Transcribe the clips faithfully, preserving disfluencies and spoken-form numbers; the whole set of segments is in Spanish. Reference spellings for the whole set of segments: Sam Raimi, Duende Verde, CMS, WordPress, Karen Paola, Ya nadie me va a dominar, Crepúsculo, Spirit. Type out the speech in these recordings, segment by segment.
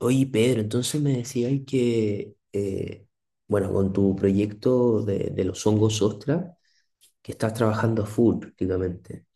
Oye, Pedro, entonces me decías que, eh, bueno, con tu proyecto de, de los hongos ostra, que estás trabajando a full prácticamente.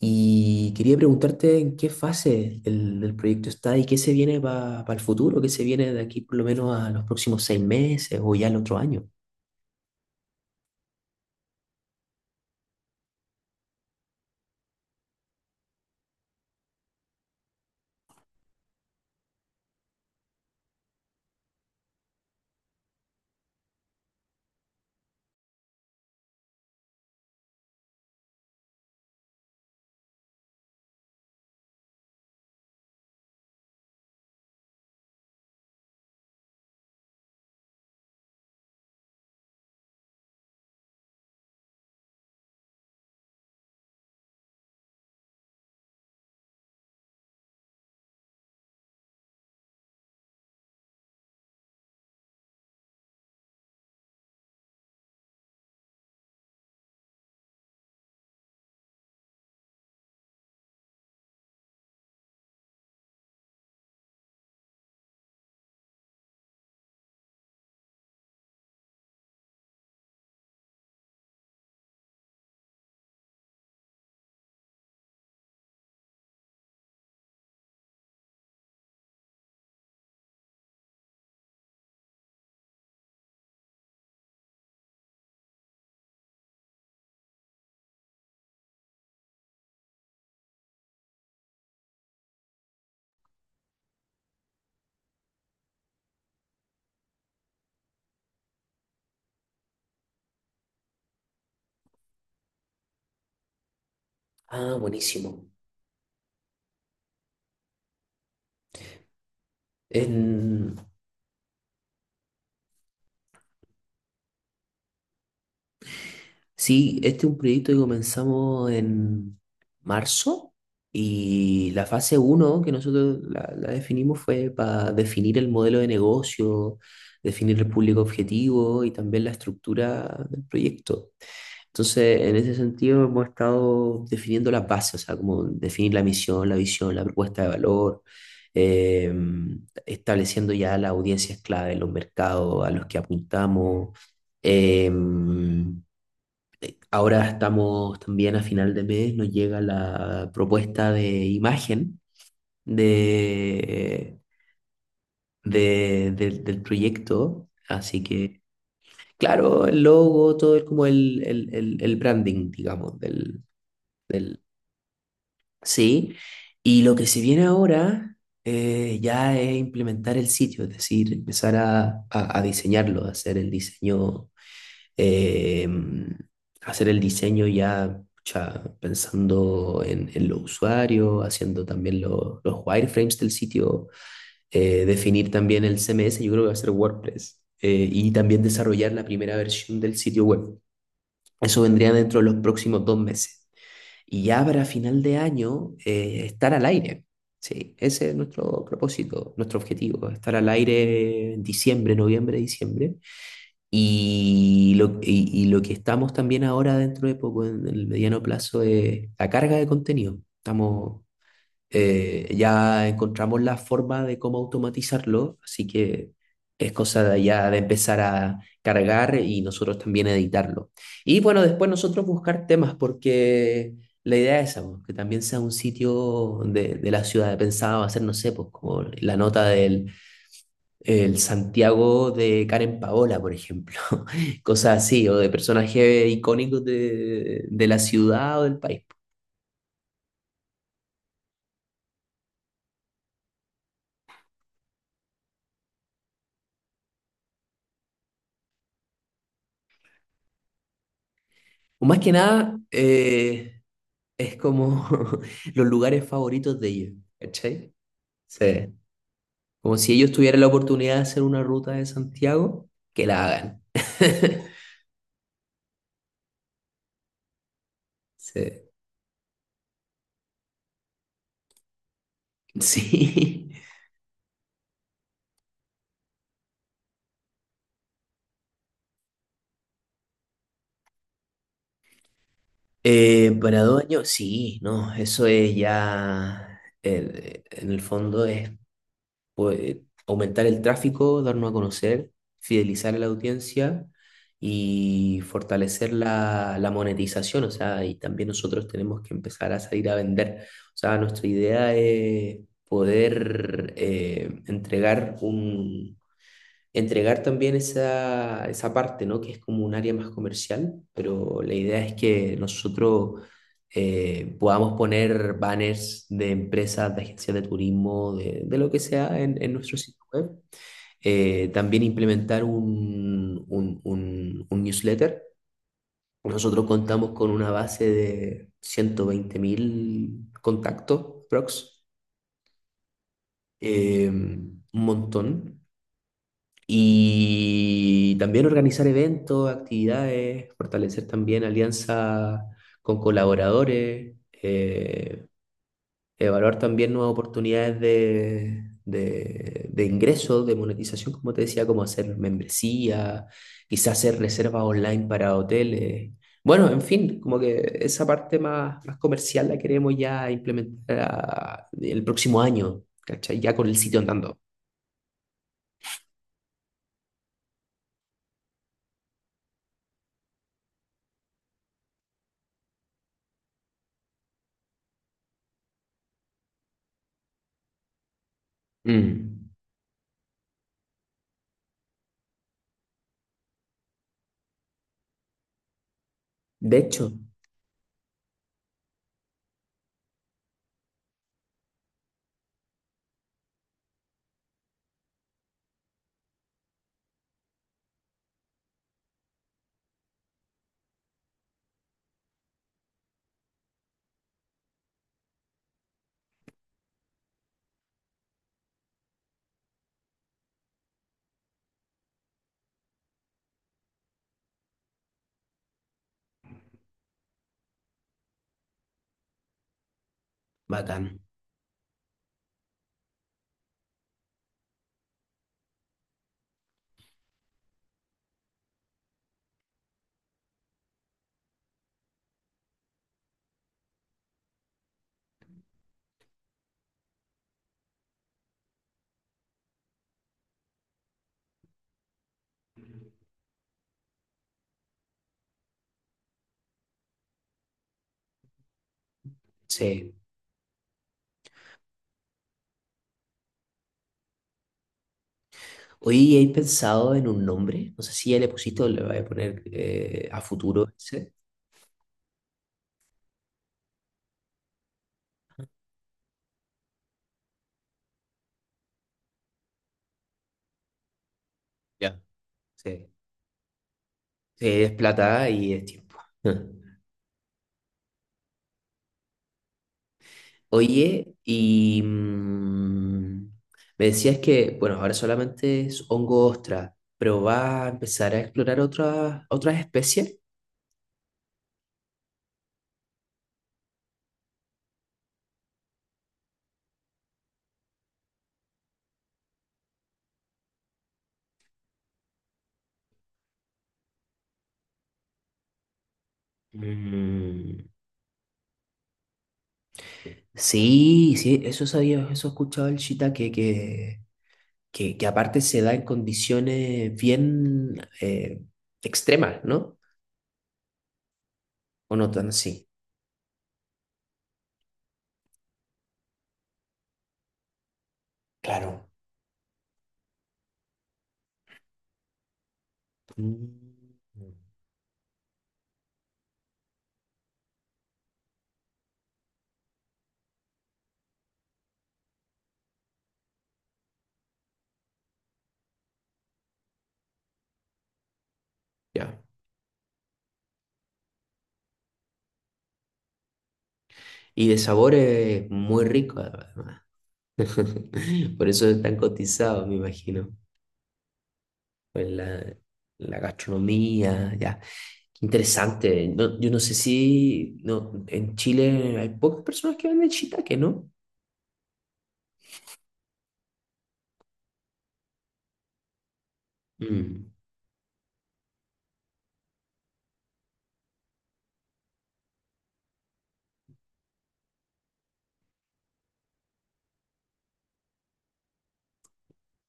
Y quería preguntarte en qué fase el, el proyecto está y qué se viene para el futuro, qué se viene de aquí por lo menos a los próximos seis meses o ya el otro año. Ah, buenísimo. En- Sí, este es un proyecto que comenzamos en marzo y la fase uno que nosotros la, la definimos fue para definir el modelo de negocio, definir el público objetivo y también la estructura del proyecto. Entonces, en ese sentido hemos estado definiendo las bases, o sea, como definir la misión, la visión, la propuesta de valor, eh, estableciendo ya las audiencias clave, los mercados a los que apuntamos. Eh, Ahora estamos también a final de mes, nos llega la propuesta de imagen de, de- del del proyecto, así que, claro, el logo, todo es como el, el, el- el branding, digamos, del, del... Sí, y lo que se viene ahora eh, ya es implementar el sitio, es decir, empezar a, a, a diseñarlo, a hacer el diseño, eh, hacer el diseño ya pucha, pensando en, en los usuarios, haciendo también lo- los wireframes del sitio, eh, definir también el C M S. Yo creo que va a ser WordPress, eh, y también desarrollar la primera versión del sitio web. Eso vendría dentro de los próximos dos meses. Y ya para final de año, eh, estar al aire. Sí, ese es nuestro propósito, nuestro objetivo: estar al aire en diciembre, noviembre, diciembre, y lo, y, y lo que estamos también ahora dentro de poco, en el mediano plazo, es la carga de contenido. Estamos, eh, ya encontramos la forma de cómo automatizarlo, así que es cosa de ya de empezar a cargar y nosotros también editarlo. Y bueno, después nosotros buscar temas, porque la idea es esa, pues, que también sea un sitio de, de la ciudad. Pensaba hacer, no sé, pues como la nota del el Santiago de Karen Paola, por ejemplo, cosas así, o de personajes icónicos de, de la ciudad o del país. O más que nada, eh, es como los lugares favoritos de ellos, ¿cachai? Sí. Como si ellos tuvieran la oportunidad de hacer una ruta de Santiago, que la hagan. Sí. Sí. Eh, para dos años, sí, no, eso es ya, el- en el fondo es, pues, aumentar el tráfico, darnos a conocer, fidelizar a la audiencia y fortalecer la, la monetización. O sea, y también nosotros tenemos que empezar a salir a vender. O sea, nuestra idea es poder, eh, entregar un, entregar también esa, esa parte, ¿no? Que es como un área más comercial, pero la idea es que nosotros, eh, podamos poner banners de empresas, de agencias de turismo, de, de lo que sea en, en nuestro sitio web. Eh, también implementar un, un, un- un newsletter. Nosotros contamos con una base de ciento veinte mil contactos, prox, eh, un montón. Y también organizar eventos, actividades, fortalecer también alianzas con colaboradores, eh, evaluar también nuevas oportunidades de, de, de ingresos, de monetización, como te decía, como hacer membresía, quizás hacer reservas online para hoteles. Bueno, en fin, como que esa parte más, más comercial la queremos ya implementar ah, el próximo año, ¿cachai? Ya con el sitio andando. Mm. De hecho, bacán. Sí. Hoy he pensado en un nombre, no sé si ya le pusiste o le voy a poner, eh, a futuro ese. Ya. Sí. Sí, es plata y es tiempo. Oye, y mm, me decías que, bueno, ahora solamente es hongo ostra, pero va a empezar a explorar otras otras especies. Mm, sí, sí, eso sabía, eso he escuchado el shiitake, que, que, que aparte se da en condiciones bien, eh, extremas, ¿no? O no tan así. Claro. Mm. Ya. Y de sabor es muy rico, además. Por eso es tan cotizado, me imagino. Pues la, la gastronomía, ya. Qué interesante. No, yo no sé si no, en Chile hay pocas personas que venden shiitake, ¿no? Mm.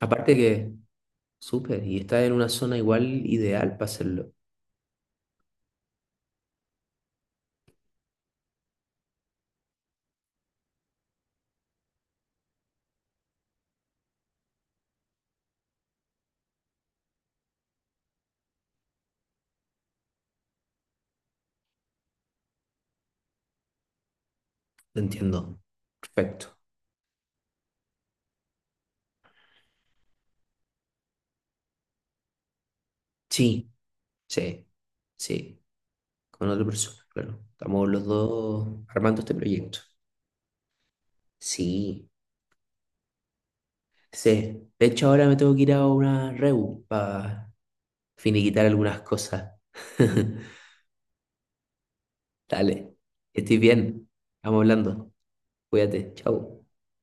Aparte que, súper, y está en una zona igual ideal para hacerlo. Entiendo. Perfecto. Sí, sí, sí. Con otra persona, claro. Estamos los dos armando este proyecto. Sí, sí. De hecho, ahora me tengo que ir a una reu para finiquitar algunas cosas. Dale, que estés bien. Estamos hablando. Cuídate, chao.